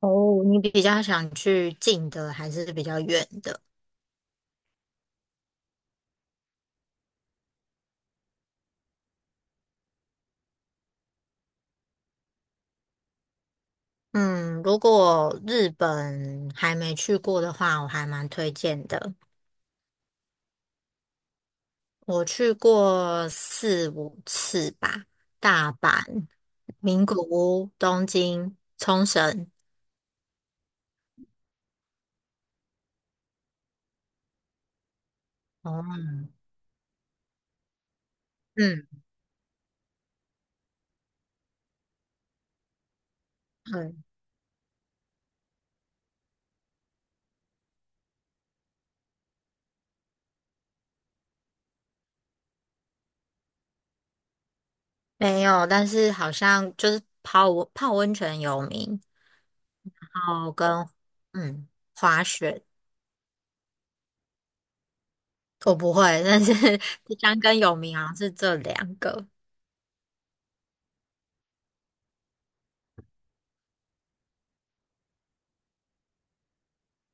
哦，你比较想去近的还是比较远的？嗯，如果日本还没去过的话，我还蛮推荐的。我去过四五次吧，大阪、名古屋、东京、冲绳。哦，嗯嗯，没有，但是好像就是泡温泉有名，然后跟嗯滑雪我不会，但是 香跟有名好像是这两个。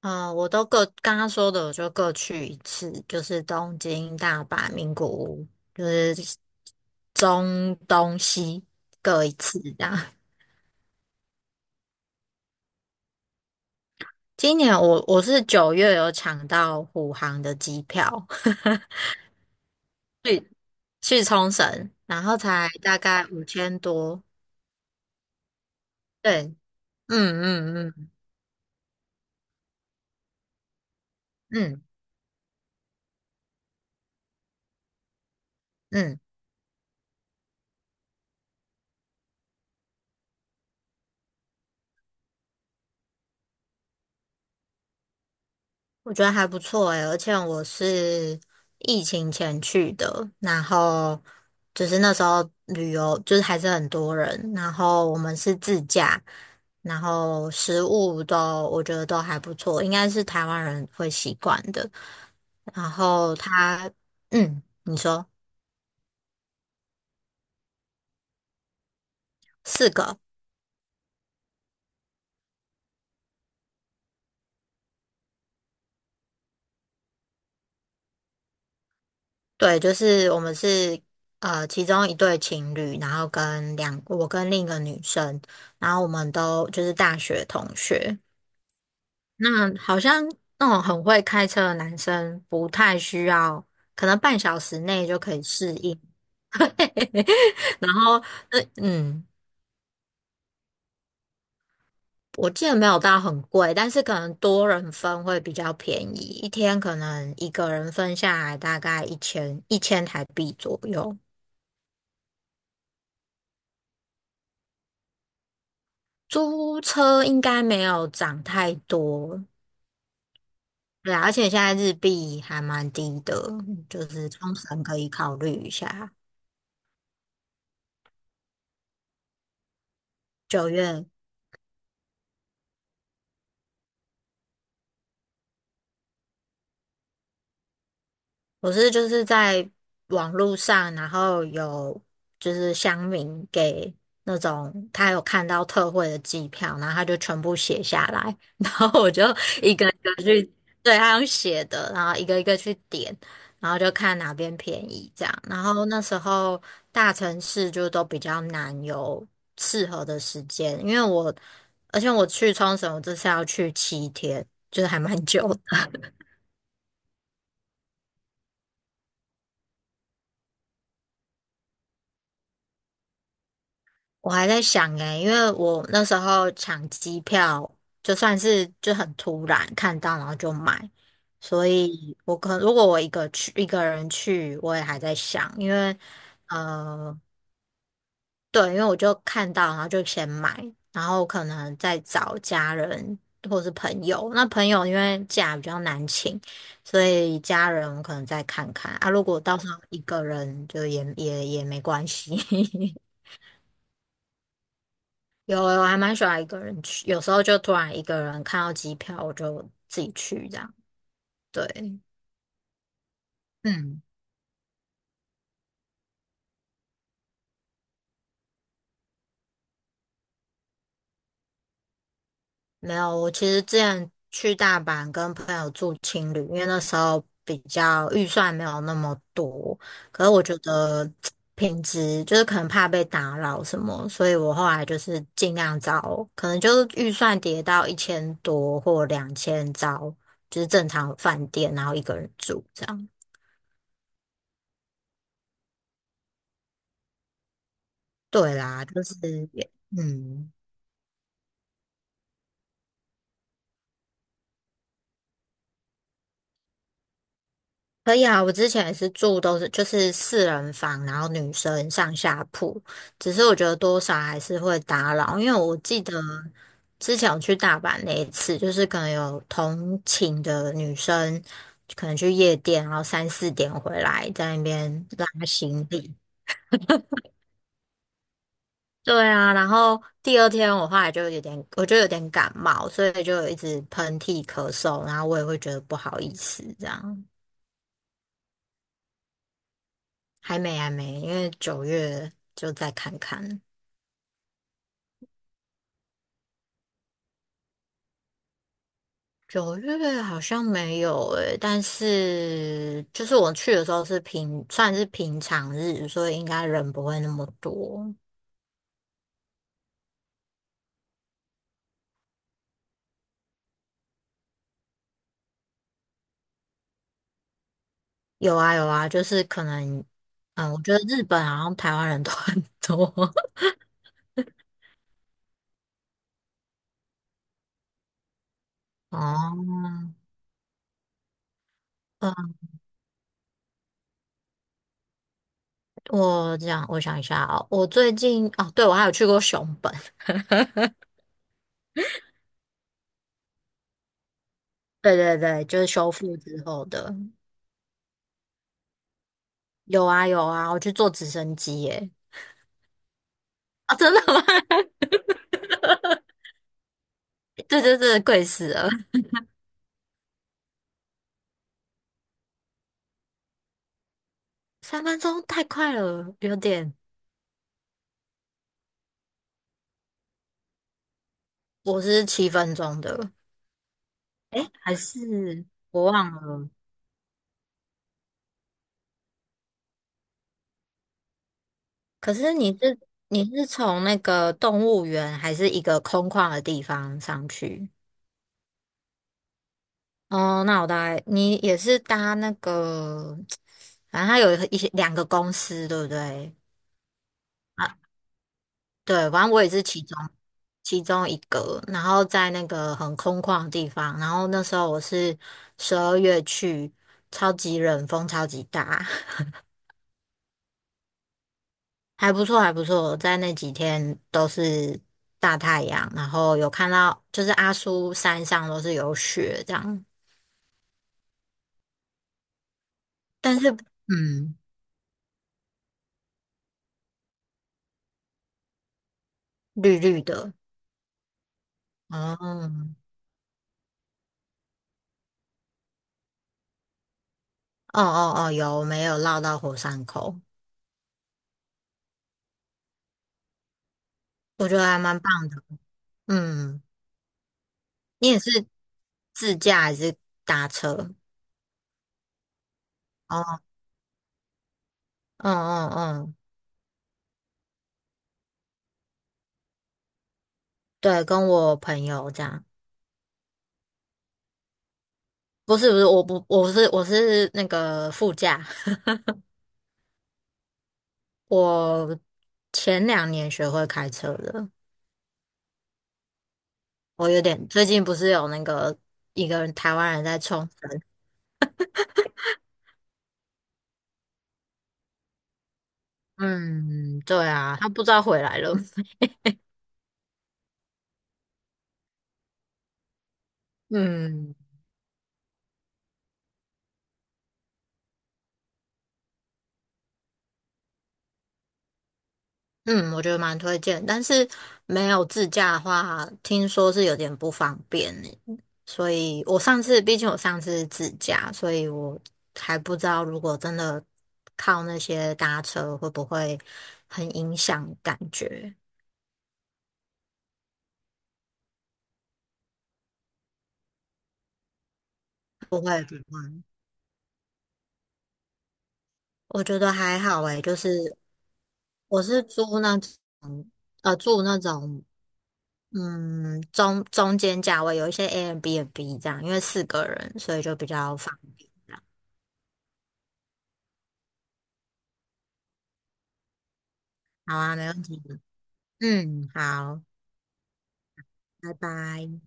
嗯，我都各刚刚说的，我就各去一次，就是东京、大阪、名古屋，就是中东西各一次这样。今年我是9月有抢到虎航的机票，去去冲绳，然后才大概5000多。对，嗯嗯嗯嗯嗯，我觉得还不错诶，而且我是疫情前去的，然后就是那时候旅游就是还是很多人，然后我们是自驾，然后食物都我觉得都还不错，应该是台湾人会习惯的。然后他嗯，你说四个，对，就是我们是其中一对情侣，然后我跟另一个女生，然后我们都就是大学同学。那好像那种很会开车的男生不太需要，可能半小时内就可以适应。然后，呃，嗯，我记得没有到很贵，但是可能多人分会比较便宜，一天可能一个人分下来大概一千台币左右。租车应该没有涨太多，对啊而且现在日币还蛮低的，就是冲绳可以考虑一下。九月。我是就是在网络上，然后有就是乡民给那种他有看到特惠的机票，然后他就全部写下来，然后我就一个一个去，对，他用写的，然后一个一个去点，然后就看哪边便宜这样。然后那时候大城市就都比较难有适合的时间，因为我而且我去冲绳，我这次要去7天，就是还蛮久的。我还在想诶，因为我那时候抢机票，就算是就很突然看到，然后就买，所以如果我一个人去，我也还在想，因为呃，对，因为我就看到，然后就先买，然后可能再找家人或是朋友。那朋友因为假比较难请，所以家人我可能再看看啊。如果到时候一个人就也没关系。有我还蛮喜欢一个人去，有时候就突然一个人看到机票，我就自己去这样。对，嗯，没有，我其实之前去大阪跟朋友住青旅，因为那时候比较预算没有那么多，可是我觉得品质就是可能怕被打扰什么，所以我后来就是尽量找，可能就是预算跌到一千多或两千，找就是正常饭店，然后一个人住这样。对啦，就是也嗯。可以啊，我之前也是住都是就是四人房，然后女生上下铺，只是我觉得多少还是会打扰，因为我记得之前我去大阪那一次，就是可能有同寝的女生可能去夜店，然后3、4点回来在那边拉行李。对啊，然后第二天我后来就有点，我就有点感冒，所以就一直喷嚏咳嗽，然后我也会觉得不好意思这样。还没还没，因为九月就再看看。九月好像没有诶、但是就是我去的时候是平，算是平常日，所以应该人不会那么多。有啊有啊，就是可能，我觉得日本好像台湾人都很多。哦，嗯，我这样我想一下哦，我最近哦，对，我还有去过熊本，对对对，就是修复之后的。有啊有啊，我去坐直升机耶、啊，真的吗？对对对，贵死了！3分钟太快了，有点。我是7分钟的，哎，还是我忘了。可是你是从那个动物园还是一个空旷的地方上去？哦，那我大概你也是搭那个，反正它有一些两个公司，对不对？啊。对，反正我也是其中一个，然后在那个很空旷的地方，然后那时候我是12月去，超级冷，风超级大，还不错还不错，在那几天都是大太阳，然后有看到就是阿苏山上都是有雪这样，但是嗯，绿绿的，哦哦哦哦，有，没有绕到火山口，我觉得还蛮棒的，嗯。你也是自驾还是搭车？哦，嗯嗯嗯，对，跟我朋友这样。不是不是，我不我是我是那个副驾。我前2年学会开车的，我有点最近不是有那个一个人台湾人在冲绳，嗯，对啊，他不知道回来了，嗯。嗯，我觉得蛮推荐，但是没有自驾的话，听说是有点不方便呢。所以我上次，毕竟我上次是自驾，所以我还不知道如果真的靠那些搭车会不会很影响感觉。我觉得还好诶，就是我是租那种住那种中间价位，有一些 Airbnb 这样，因为四个人，所以就比较方便。好啊，没问题。嗯，好。拜拜。